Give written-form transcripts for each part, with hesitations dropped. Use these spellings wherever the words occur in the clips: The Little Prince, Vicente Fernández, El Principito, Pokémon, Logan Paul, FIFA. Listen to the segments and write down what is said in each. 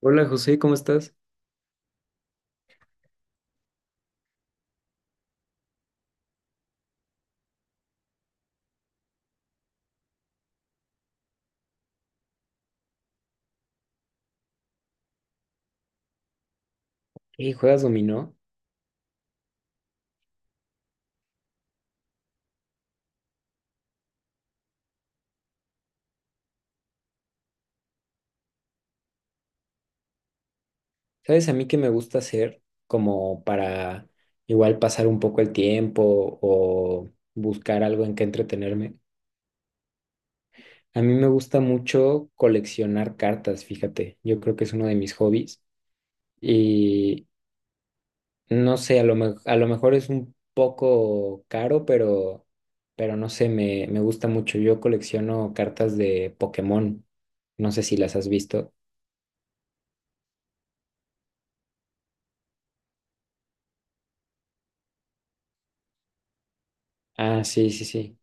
Hola José, ¿cómo estás? ¿Y juegas dominó? ¿Sabes a mí qué me gusta hacer como para igual pasar un poco el tiempo o buscar algo en que entretenerme? A mí me gusta mucho coleccionar cartas, fíjate. Yo creo que es uno de mis hobbies y no sé, a lo mejor es un poco caro, pero no sé, me gusta mucho. Yo colecciono cartas de Pokémon. No sé si las has visto. Ah, sí, sí, sí.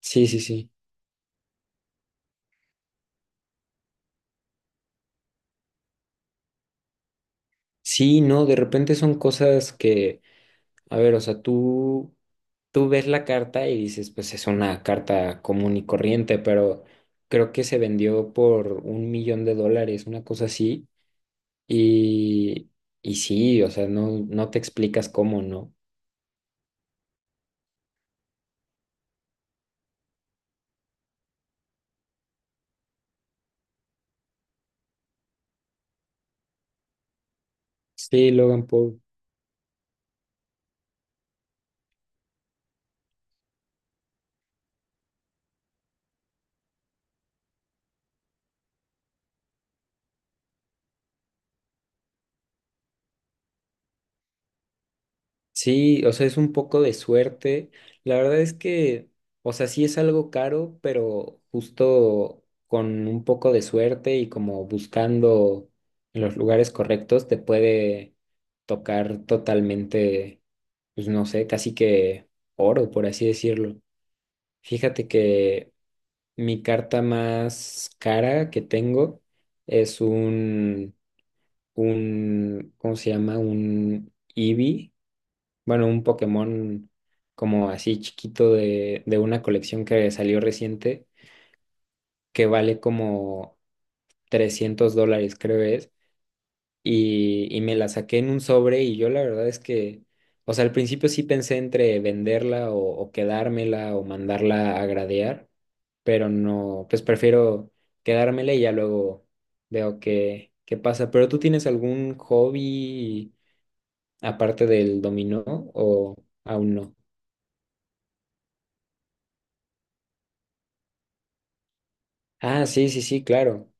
Sí, sí, sí. Sí, no, de repente son cosas que, a ver, o sea, tú ves la carta y dices, pues es una carta común y corriente, pero creo que se vendió por un millón de dólares, una cosa así, y, y sí, o sea, no, no te explicas cómo, ¿no? Sí, Logan Paul. Sí, o sea, es un poco de suerte. La verdad es que, o sea, sí es algo caro, pero justo con un poco de suerte y como buscando en los lugares correctos, te puede tocar totalmente, pues no sé, casi que oro, por así decirlo. Fíjate que mi carta más cara que tengo es un, ¿cómo se llama? Un EV bueno, un Pokémon como así chiquito de una colección que salió reciente, que vale como $300, creo es, y me la saqué en un sobre y yo la verdad es que, o sea, al principio sí pensé entre venderla o quedármela o mandarla a gradear, pero no, pues prefiero quedármela y ya luego veo qué pasa. ¿Pero tú tienes algún hobby aparte del dominó o aún no? Ah, sí, sí, sí, claro.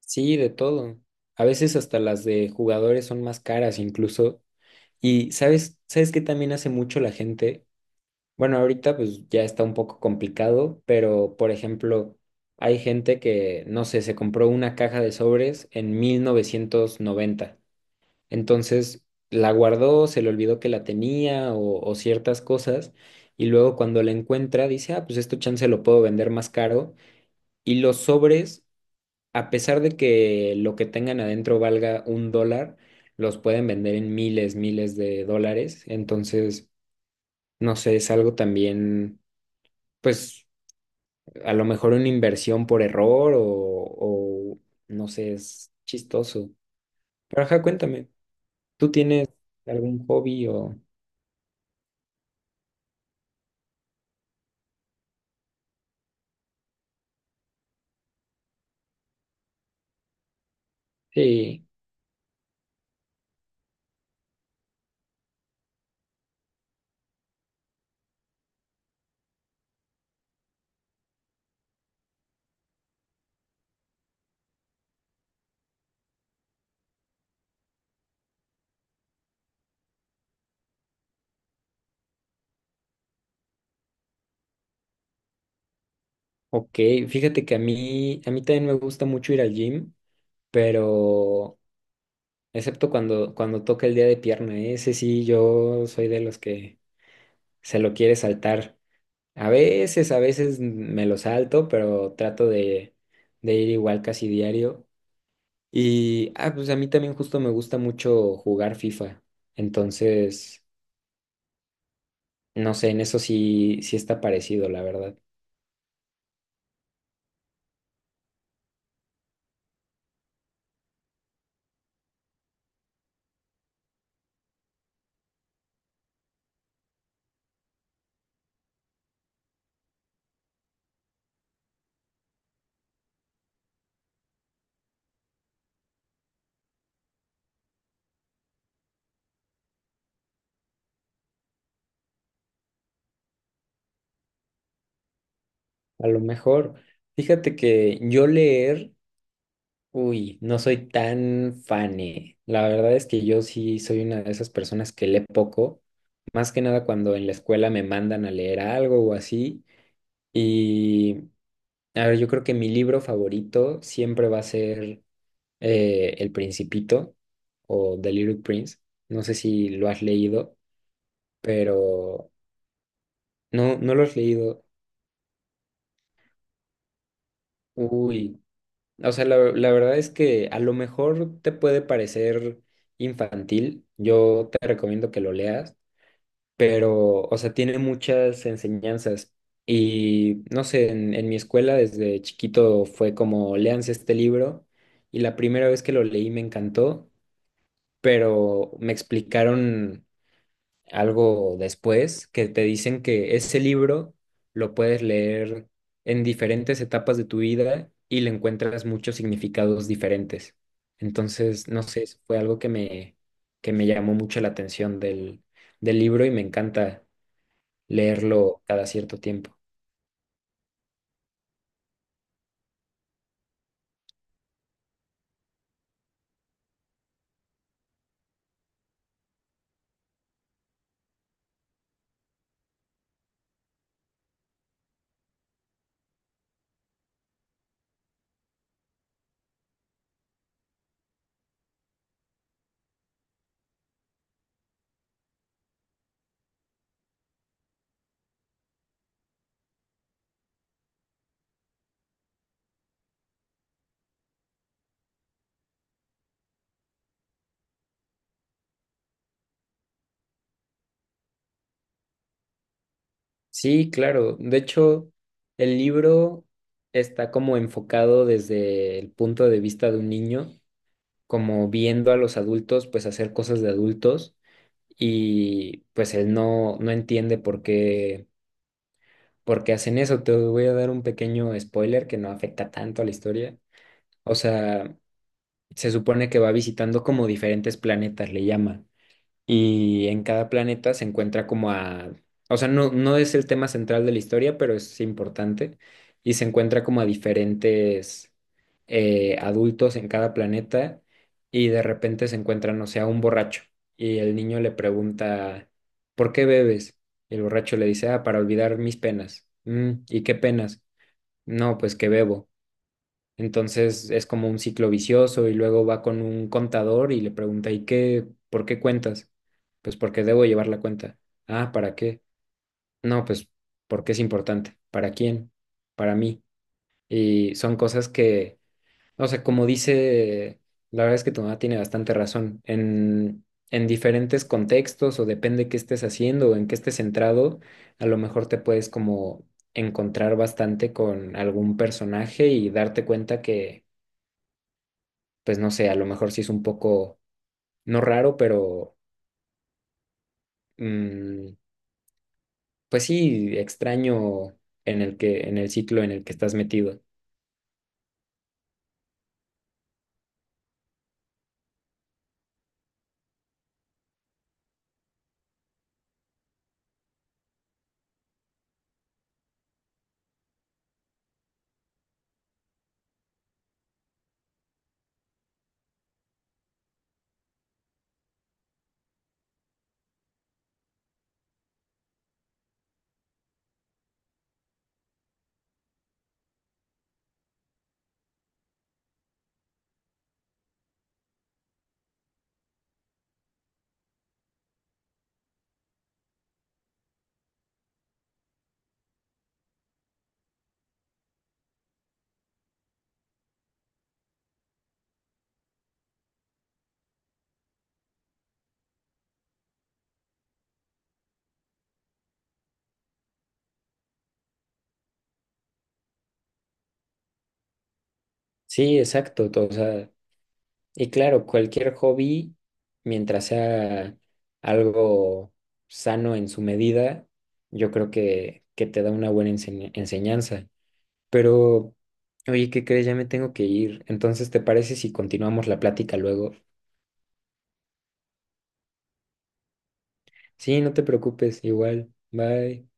Sí, de todo. A veces hasta las de jugadores son más caras incluso. Y sabes que también hace mucho la gente. Bueno, ahorita pues ya está un poco complicado, pero por ejemplo, hay gente que, no sé, se compró una caja de sobres en 1990. Entonces la guardó, se le olvidó que la tenía o ciertas cosas. Y luego cuando la encuentra dice, ah, pues esto chance lo puedo vender más caro. Y los sobres a pesar de que lo que tengan adentro valga $1, los pueden vender en miles, miles de dólares. Entonces, no sé, es algo también, pues, a lo mejor una inversión por error o no sé, es chistoso. Pero ajá, cuéntame, ¿tú tienes algún hobby o...? Sí, ok, fíjate que a mí también me gusta mucho ir al gym, pero... Excepto cuando toca el día de pierna, ¿eh? Ese sí, yo soy de los que se lo quiere saltar. A veces me lo salto, pero trato de ir igual casi diario. Y, ah, pues a mí también justo me gusta mucho jugar FIFA. Entonces, no sé, en eso sí, sí está parecido, la verdad. A lo mejor, fíjate que yo leer, uy, no soy tan fane. La verdad es que yo sí soy una de esas personas que lee poco, más que nada cuando en la escuela me mandan a leer algo o así. Y a ver, yo creo que mi libro favorito siempre va a ser El Principito o The Little Prince. No sé si lo has leído, pero no, no lo has leído. Uy, o sea, la verdad es que a lo mejor te puede parecer infantil. Yo te recomiendo que lo leas, pero, o sea, tiene muchas enseñanzas. Y no sé, en mi escuela desde chiquito fue como, léanse este libro. Y la primera vez que lo leí me encantó. Pero me explicaron algo después que te dicen que ese libro lo puedes leer en diferentes etapas de tu vida y le encuentras muchos significados diferentes. Entonces, no sé, eso fue algo que me, llamó mucho la atención del libro y me encanta leerlo cada cierto tiempo. Sí, claro. De hecho, el libro está como enfocado desde el punto de vista de un niño como viendo a los adultos pues hacer cosas de adultos y pues él no, no entiende por qué hacen eso. Te voy a dar un pequeño spoiler que no afecta tanto a la historia. O sea, se supone que va visitando como diferentes planetas, le llama y en cada planeta se encuentra como a, o sea, no, no es el tema central de la historia, pero es importante, y se encuentra como a diferentes adultos en cada planeta y de repente se encuentran, o sea, un borracho y el niño le pregunta, ¿por qué bebes? Y el borracho le dice, ah, para olvidar mis penas. "Mm, ¿y qué penas? No, pues que bebo. Entonces es como un ciclo vicioso y luego va con un contador y le pregunta, ¿y qué? ¿Por qué cuentas? Pues porque debo llevar la cuenta. Ah, ¿para qué? No, pues porque es importante. ¿Para quién? Para mí. Y son cosas que, o sea, como dice, la verdad es que tu mamá tiene bastante razón. En diferentes contextos o depende qué estés haciendo o en qué estés centrado, a lo mejor te puedes como encontrar bastante con algún personaje y darte cuenta que pues no sé, a lo mejor sí es un poco, no raro, pero mm, pues sí, extraño en el que, en el ciclo en el que estás metido. Sí, exacto. O sea, y claro, cualquier hobby, mientras sea algo sano en su medida, yo creo que te da una buena enseñanza. Pero, oye, ¿qué crees? Ya me tengo que ir. Entonces, ¿te parece si continuamos la plática luego? Sí, no te preocupes, igual. Bye.